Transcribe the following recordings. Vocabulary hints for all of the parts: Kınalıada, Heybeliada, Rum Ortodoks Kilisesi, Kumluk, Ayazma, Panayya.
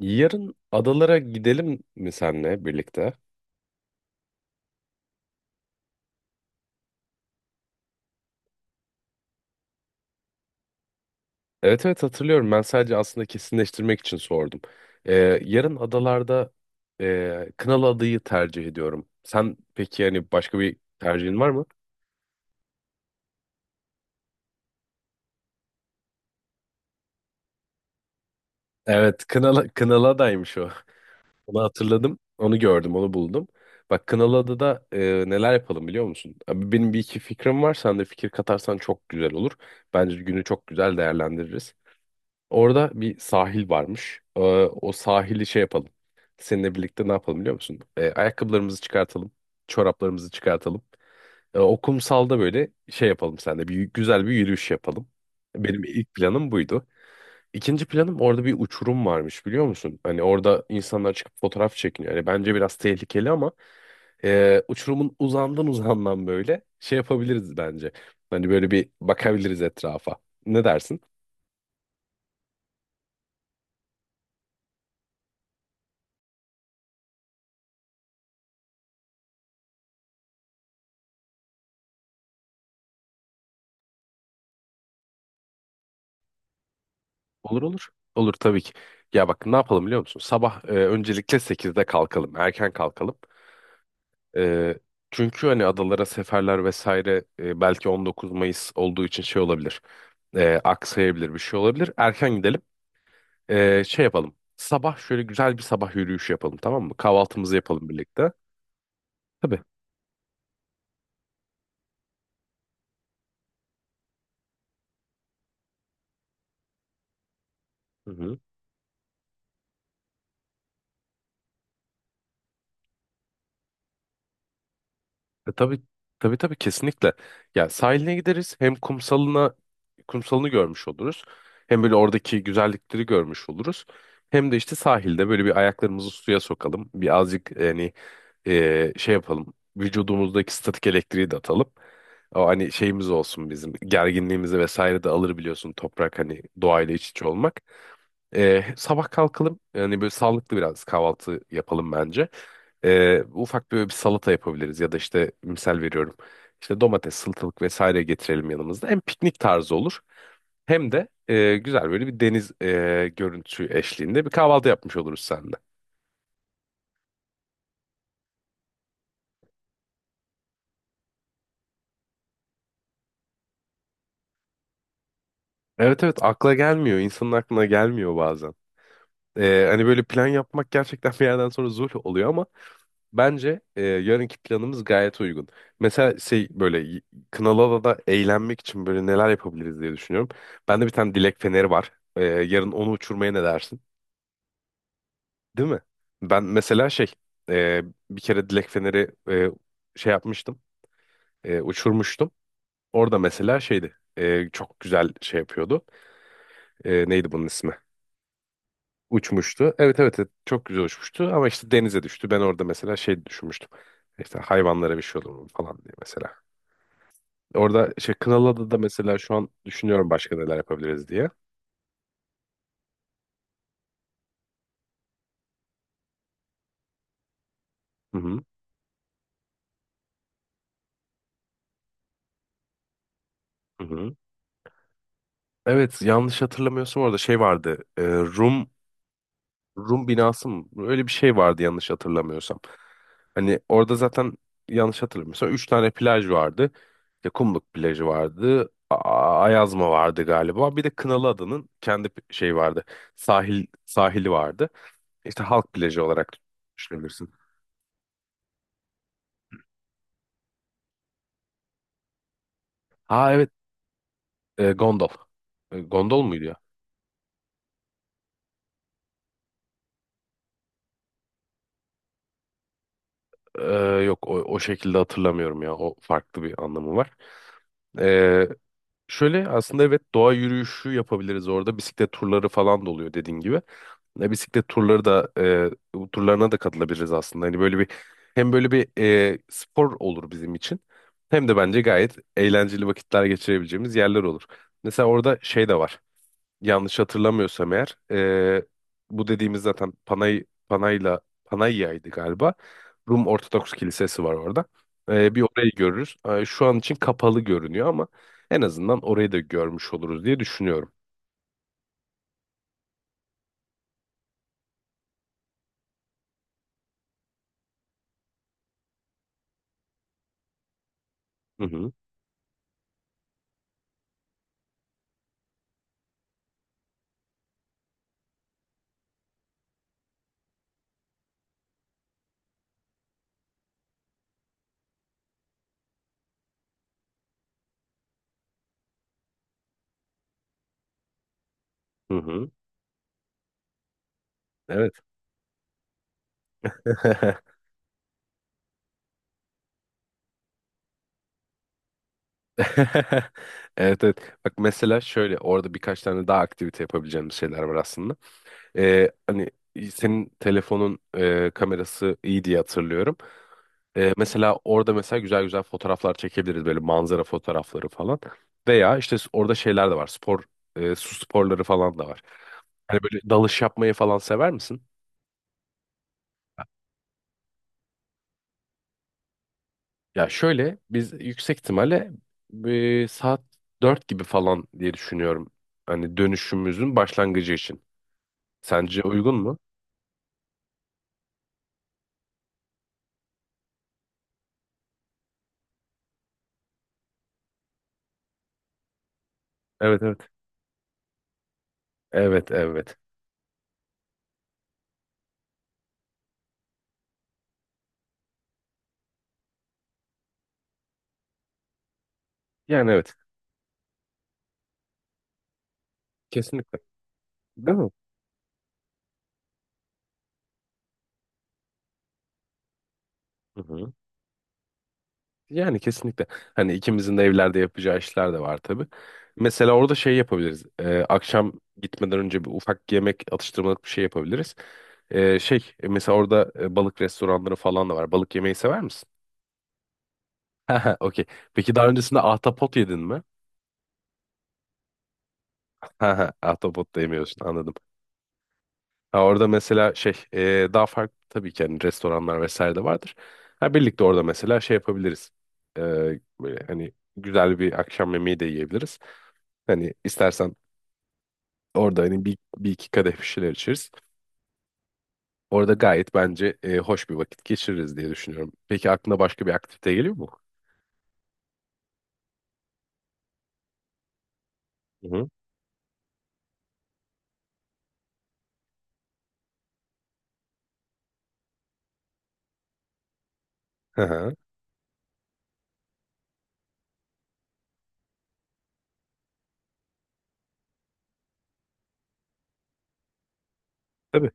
Yarın adalara gidelim mi senle birlikte? Evet, evet, hatırlıyorum. Ben sadece aslında kesinleştirmek için sordum. Ee, yarın adalarda Kınalı adayı tercih ediyorum. Sen peki yani başka bir tercihin var mı? Evet, Kınalı adaymış o. Onu hatırladım. Onu gördüm, onu buldum. Bak Kınalı adada neler yapalım biliyor musun? Abi, benim bir iki fikrim var. Sen de fikir katarsan çok güzel olur. Bence günü çok güzel değerlendiririz. Orada bir sahil varmış. O sahili şey yapalım. Seninle birlikte ne yapalım biliyor musun? Ayakkabılarımızı çıkartalım. Çoraplarımızı çıkartalım. O kumsalda böyle şey yapalım seninle. Bir, güzel bir yürüyüş yapalım. Benim ilk planım buydu. İkinci planım orada bir uçurum varmış biliyor musun? Hani orada insanlar çıkıp fotoğraf çekiniyor. Yani bence biraz tehlikeli ama uçurumun uzağından uzağından böyle şey yapabiliriz bence. Hani böyle bir bakabiliriz etrafa. Ne dersin? Olur, olur. Olur tabii ki. Ya bak ne yapalım biliyor musun? Sabah öncelikle 8'de kalkalım. Erken kalkalım. E, Çünkü hani adalara seferler vesaire belki 19 Mayıs olduğu için şey olabilir. Aksayabilir bir şey olabilir. Erken gidelim. Şey yapalım. Sabah şöyle güzel bir sabah yürüyüşü yapalım, tamam mı? Kahvaltımızı yapalım birlikte. Tabii. Hı hı. Tabii, tabii, tabii, kesinlikle. Ya sahiline gideriz, hem kumsalını görmüş oluruz. Hem böyle oradaki güzellikleri görmüş oluruz. Hem de işte sahilde böyle bir ayaklarımızı suya sokalım. Bir azıcık yani şey yapalım. Vücudumuzdaki statik elektriği de atalım. O hani şeyimiz olsun, bizim gerginliğimizi vesaire de alır, biliyorsun, toprak hani doğayla iç içe olmak. Sabah kalkalım. Yani böyle sağlıklı biraz kahvaltı yapalım bence. Ufak böyle bir salata yapabiliriz, ya da işte misal veriyorum. İşte domates, salatalık vesaire getirelim yanımızda. Hem piknik tarzı olur, hem de güzel böyle bir deniz görüntüsü eşliğinde bir kahvaltı yapmış oluruz seninle. Evet, evet, akla gelmiyor. İnsanın aklına gelmiyor bazen. Hani böyle plan yapmak gerçekten bir yerden sonra zul oluyor, ama bence yarınki planımız gayet uygun. Mesela şey böyle Kınalıada'da eğlenmek için böyle neler yapabiliriz diye düşünüyorum. Bende bir tane dilek feneri var. Yarın onu uçurmaya ne dersin? Değil mi? Ben mesela şey e, bir kere dilek feneri şey yapmıştım. Uçurmuştum. Orada mesela şeydi. Çok güzel şey yapıyordu. Neydi bunun ismi? Uçmuştu. Evet, evet, evet, çok güzel uçmuştu ama işte denize düştü. Ben orada mesela şey düşünmüştüm. İşte hayvanlara bir şey olur mu falan diye mesela. Orada şey Kınalıada da mesela şu an düşünüyorum başka neler yapabiliriz diye. Hı hı. Hı hı. Evet, yanlış hatırlamıyorsam orada şey vardı. Rum binası mı? Öyle bir şey vardı yanlış hatırlamıyorsam. Hani orada zaten yanlış hatırlamıyorsam üç tane plaj vardı. İşte Kumluk plajı vardı. Ayazma vardı galiba. Bir de Kınalıada'nın kendi şey vardı. Sahili vardı. İşte halk plajı olarak düşünebilirsin. Ha, evet, gondol. Gondol muydu? Ee, Yok, o şekilde hatırlamıyorum ya. O farklı bir anlamı var. Ee, şöyle aslında, evet, doğa yürüyüşü yapabiliriz orada. Bisiklet turları falan da oluyor dediğin gibi. Ne bisiklet turları da bu turlarına da katılabiliriz aslında. Hani böyle bir hem böyle bir spor olur bizim için. Hem de bence gayet eğlenceli vakitler geçirebileceğimiz yerler olur. Mesela orada şey de var yanlış hatırlamıyorsam eğer bu dediğimiz zaten Panayya'ydı galiba. Rum Ortodoks Kilisesi var orada. Bir orayı görürüz. Şu an için kapalı görünüyor ama en azından orayı da görmüş oluruz diye düşünüyorum. Hı hı. Hı hı. Evet. Evet, evet. Bak mesela şöyle orada birkaç tane daha aktivite yapabileceğimiz şeyler var aslında. Hani senin telefonun kamerası iyi diye hatırlıyorum. Mesela orada mesela güzel güzel fotoğraflar çekebiliriz, böyle manzara fotoğrafları falan. Veya işte orada şeyler de var. Spor, su sporları falan da var. Hani böyle dalış yapmayı falan sever misin? Ya şöyle biz yüksek ihtimalle saat 4 gibi falan diye düşünüyorum. Hani dönüşümüzün başlangıcı için. Sence uygun mu? Evet, evet. Evet, evet. Yani evet. Kesinlikle. Değil mi? Hı hı. Yani kesinlikle. Hani ikimizin de evlerde yapacağı işler de var tabii. Mesela orada şey yapabiliriz. Akşam gitmeden önce bir ufak yemek, atıştırmalık bir şey yapabiliriz. Mesela orada balık restoranları falan da var. Balık yemeyi sever misin? Ha ha, okey. Peki daha öncesinde ahtapot yedin mi? Ha ha, ahtapot da yemiyorsun, anladım. Ha, orada mesela şey, daha farklı tabii ki, hani restoranlar vesaire de vardır. Ha, birlikte orada mesela şey yapabiliriz. Ee, böyle hani güzel bir akşam yemeği de yiyebiliriz. Hani istersen orada hani bir iki kadeh bir şeyler içeriz. Orada gayet bence hoş bir vakit geçiririz diye düşünüyorum. Peki aklına başka bir aktivite geliyor mu? Hı hı. Hı hı. Tabii.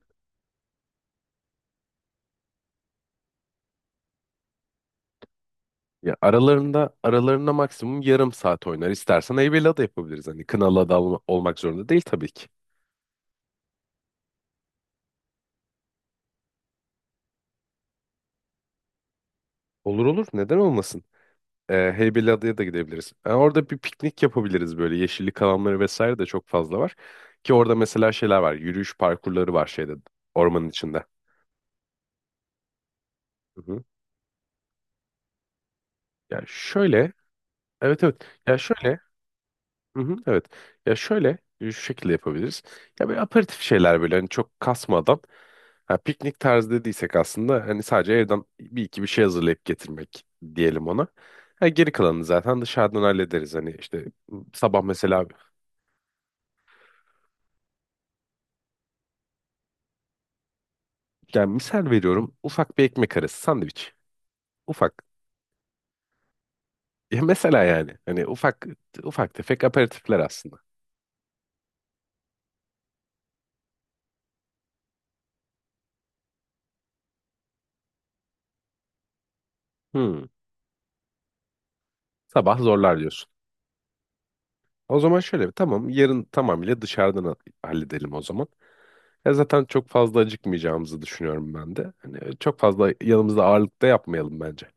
Ya aralarında aralarında maksimum yarım saat oynar. İstersen Heybeliada da yapabiliriz. Hani Kınalıada da olmak zorunda değil tabii ki. Olur, olur. Neden olmasın? Heybeliada'ya da gidebiliriz. Yani orada bir piknik yapabiliriz böyle. Yeşillik alanları vesaire de çok fazla var. Ki orada mesela şeyler var. Yürüyüş parkurları var, şeyde, ormanın içinde. Hı hı. Ya şöyle. Evet, evet. Ya şöyle. Hı hı, evet. Ya şöyle şu şekilde yapabiliriz. Ya böyle aperatif şeyler, böyle hani çok kasmadan, ha, piknik tarzı dediysek aslında hani sadece evden bir iki bir şey hazırlayıp getirmek diyelim ona. Ha, geri kalanını zaten dışarıdan hallederiz. Hani işte sabah mesela yani misal veriyorum ufak bir ekmek arası sandviç. Ufak. Ya mesela yani hani ufak ufak tefek aperatifler aslında. Hmm, sabah zorlar diyorsun. O zaman şöyle bir tamam, yarın tamamıyla dışarıdan halledelim o zaman. Ya zaten çok fazla acıkmayacağımızı düşünüyorum ben de. Hani çok fazla yanımızda ağırlık da yapmayalım bence.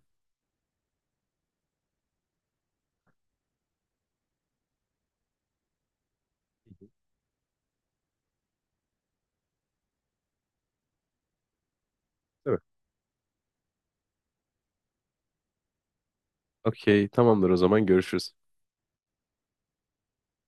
Değil mi? Okey, tamamdır, o zaman görüşürüz.